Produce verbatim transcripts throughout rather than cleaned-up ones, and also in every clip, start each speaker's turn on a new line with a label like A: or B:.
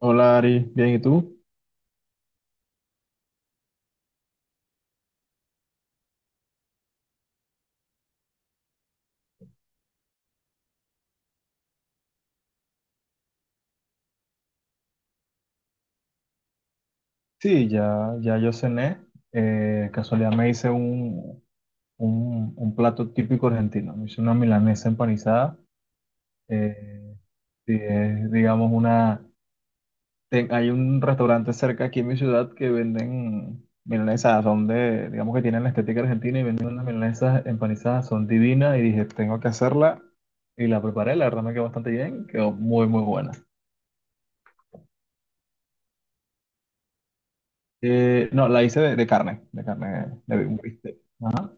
A: Hola Ari, bien, ¿y tú? Sí, ya, ya yo cené. Eh, casualidad me hice un, un, un plato típico argentino. Me hice una milanesa empanizada. Eh, sí, es, digamos, una. Ten- hay un restaurante cerca aquí en mi ciudad que venden milanesas. Son de, digamos que tienen la estética argentina y venden unas milanesas empanizadas. Son divinas y dije, tengo que hacerla. Y la preparé, la verdad me quedó bastante bien. Quedó muy, muy buena. Eh, no, la hice de, de carne, de carne, de un bistec. Ajá.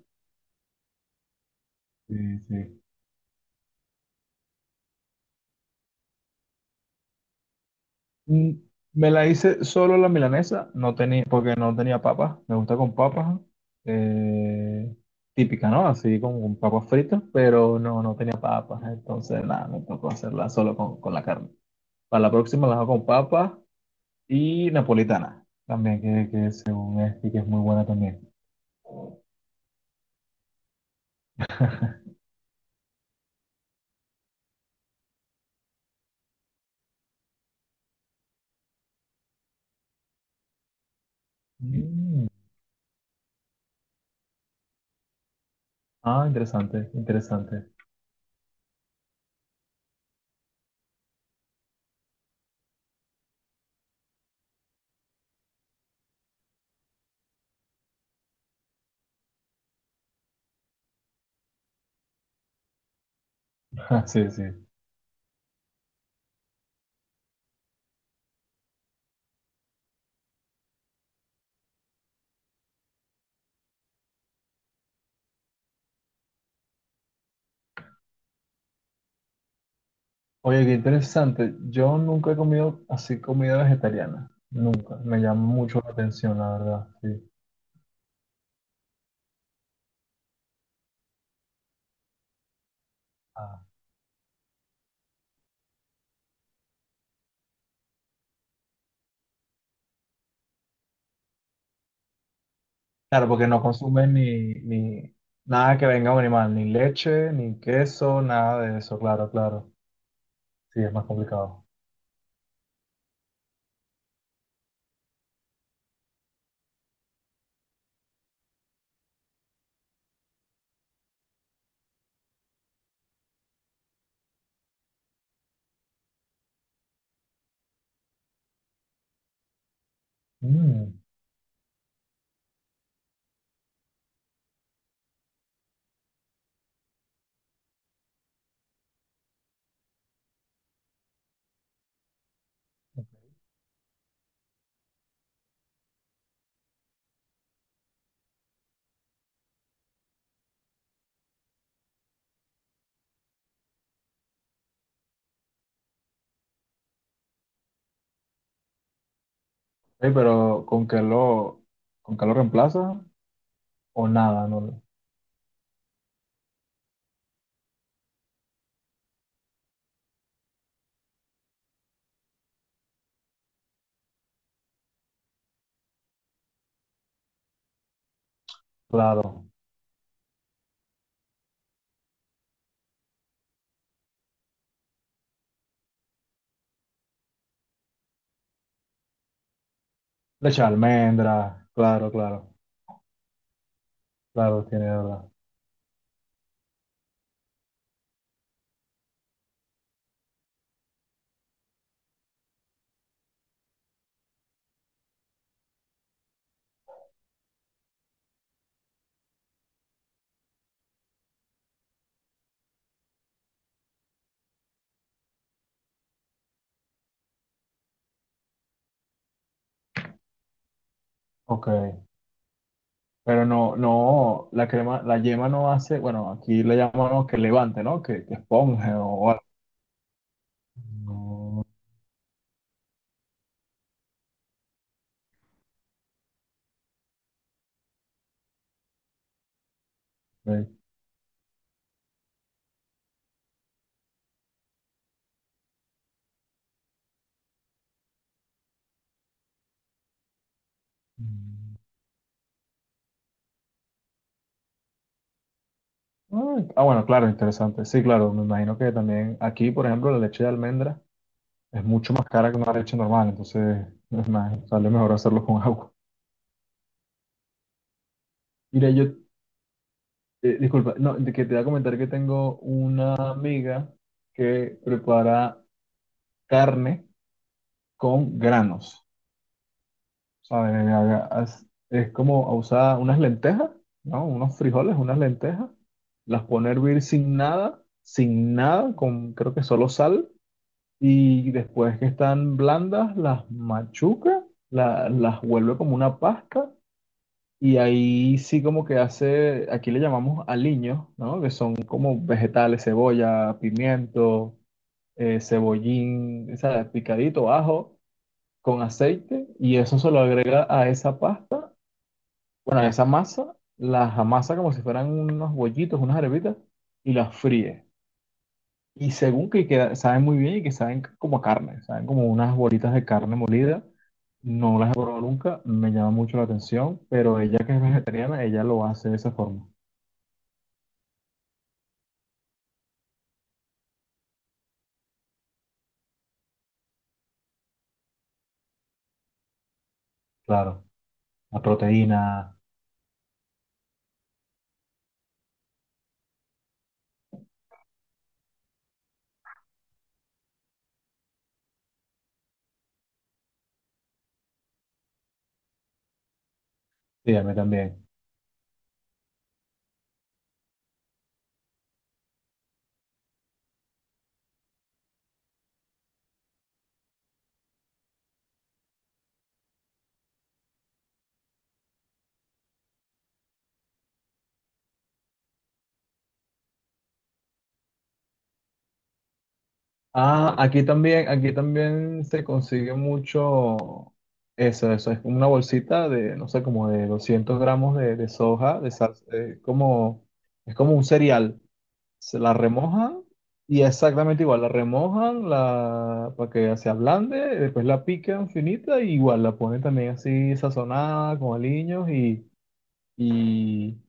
A: Sí, sí. Mm, me la hice solo la milanesa, no tenía, porque no tenía papas. Me gusta con papas, eh, típica, ¿no? Así como con papas fritas, pero no, no tenía papas. Entonces, nada, me tocó hacerla solo con, con la carne. Para la próxima la hago con papas y napolitana, también, que, que según es, y que es muy buena también. Mm. Ah, interesante, interesante. Sí, sí. Oye, qué interesante. Yo nunca he comido así comida vegetariana. Nunca. Me llama mucho la atención, la verdad. Sí. Ah, claro, porque no consumen ni, ni nada que venga de un animal, ni leche, ni queso, nada de eso. Claro, claro. Sí, es más complicado. Mm. Ey, pero ¿con qué lo, ¿con qué lo reemplaza? O nada, no. lo- Claro. Leche de almendra. Claro, claro. Claro, tiene verdad. Ok. Pero no, no, la crema, la yema no hace, bueno, aquí le llamamos que levante, ¿no? Que, que esponje o algo. No, ok. Mm. Ah, ah, bueno, claro, interesante. Sí, claro, me imagino que también aquí, por ejemplo, la leche de almendra es mucho más cara que una leche normal, entonces es más, sale mejor hacerlo con agua. Mira, yo, eh, disculpa, no, de que te voy a comentar que tengo una amiga que prepara carne con granos. ¿Sabes? Haga- haz- Es como usar unas lentejas, ¿no? Unos frijoles, unas lentejas, las pone a hervir sin nada, sin nada, con creo que solo sal, y después que están blandas, las machuca, la- las vuelve como una pasta, y ahí sí como que hace, aquí le llamamos aliños, ¿no? Que son como vegetales, cebolla, pimiento, eh, cebollín, ¿sabes? Picadito, ajo, con aceite, y eso se lo agrega a esa pasta, bueno, esa masa las amasa como si fueran unos bollitos, unas arepitas, y las fríe. Y según que queda- saben muy bien y que saben como a carne, saben como unas bolitas de carne molida. No las he probado nunca, me llama mucho la atención, pero ella que es vegetariana, ella lo hace de esa forma. Claro, la proteína, sí, a mí también. Ah, aquí también, aquí también se consigue mucho eso, eso es como una bolsita de, no sé, como de doscientos gramos de, de soja, de salsa, eh, como, es como un cereal, se la remojan y exactamente igual, la remojan la, para que se ablande, después la pican finita y igual la ponen también así sazonada con aliños y,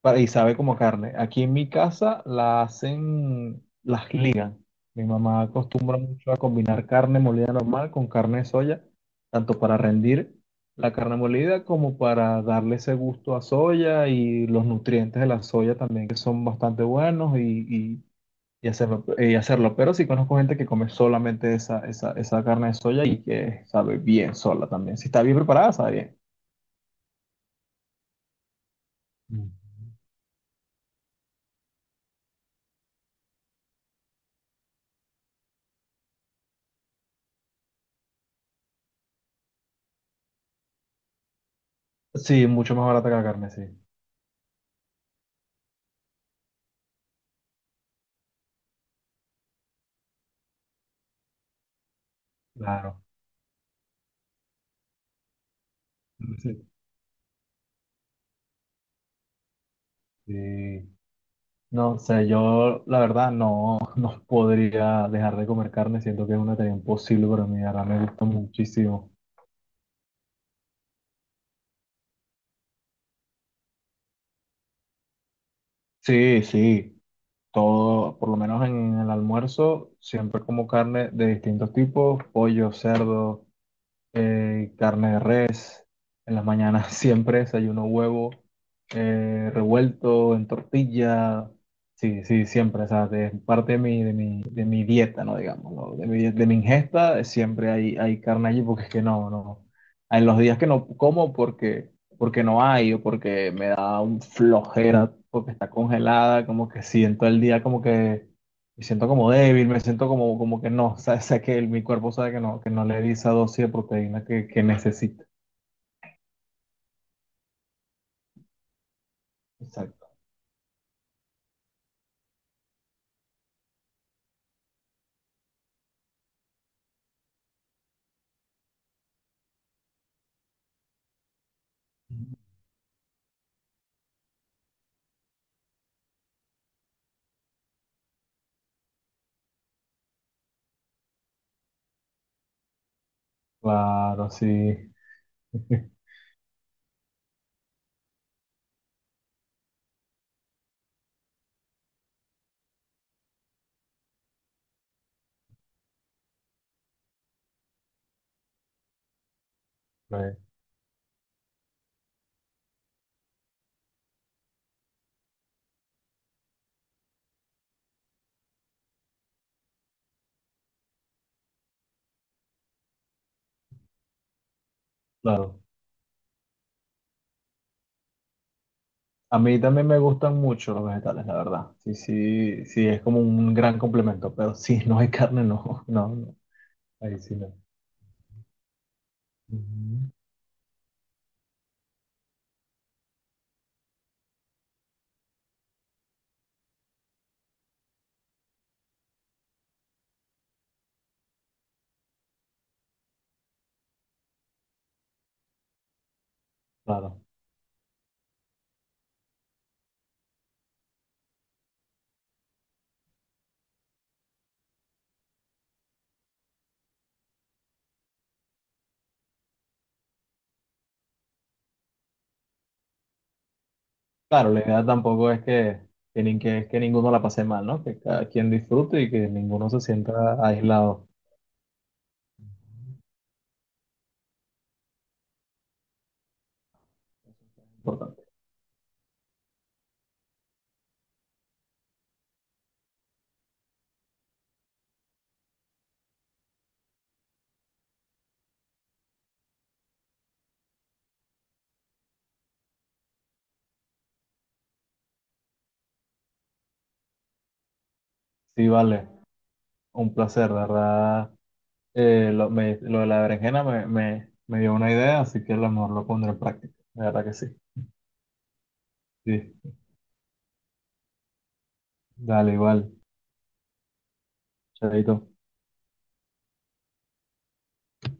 A: para- y sabe como carne. Aquí en mi casa la hacen, las ligan. Mi mamá acostumbra mucho a combinar carne molida normal con carne de soya, tanto para rendir la carne molida como para darle ese gusto a soya y los nutrientes de la soya también que son bastante buenos y, y- y hacerlo, y hacerlo. Pero sí conozco gente que come solamente esa, esa, esa carne de soya y que sabe bien sola también. Si está bien preparada, sabe bien. Mm. Sí, mucho más barata que la carne, sí. Claro. Sí. Sí. No sé, yo la verdad no, no podría dejar de comer carne, siento que es una tarea imposible para mí, ahora me gusta muchísimo. Sí, sí, todo, por lo menos en el almuerzo, siempre como carne de distintos tipos, pollo, cerdo. Eh, carne de res. En las mañanas siempre desayuno huevo, eh, revuelto en tortilla. Sí, sí, siempre. O sea, es parte de mi, de mi, de mi dieta, ¿no? Digamos, ¿no? De mi, de mi ingesta, eh, siempre hay, hay carne allí porque es que no, no. En los días que no como porque, porque no hay o porque me da un flojera porque está congelada, como que siento el día como que me siento como débil, me siento como, como que no, o sea, sé que el- mi cuerpo sabe que no, que no le di esa dosis de proteína que, que necesita. Exacto. Claro, sí. Ve, claro. A mí también me gustan mucho los vegetales, la verdad. Sí, sí, sí, es como un gran complemento, pero si no hay carne, no, no, no, ahí sí no. Ujú. Claro. Claro, la idea tampoco es que, que, nin- que, que ninguno la pase mal, ¿no? Que cada quien disfrute y que ninguno se sienta aislado. Importante. Sí, vale. Un placer, de verdad. Eh, lo, me- lo de la berenjena me, me, me dio una idea, así que a lo mejor lo pondré en práctica. De verdad que sí. Sí, dale, igual. Chaito.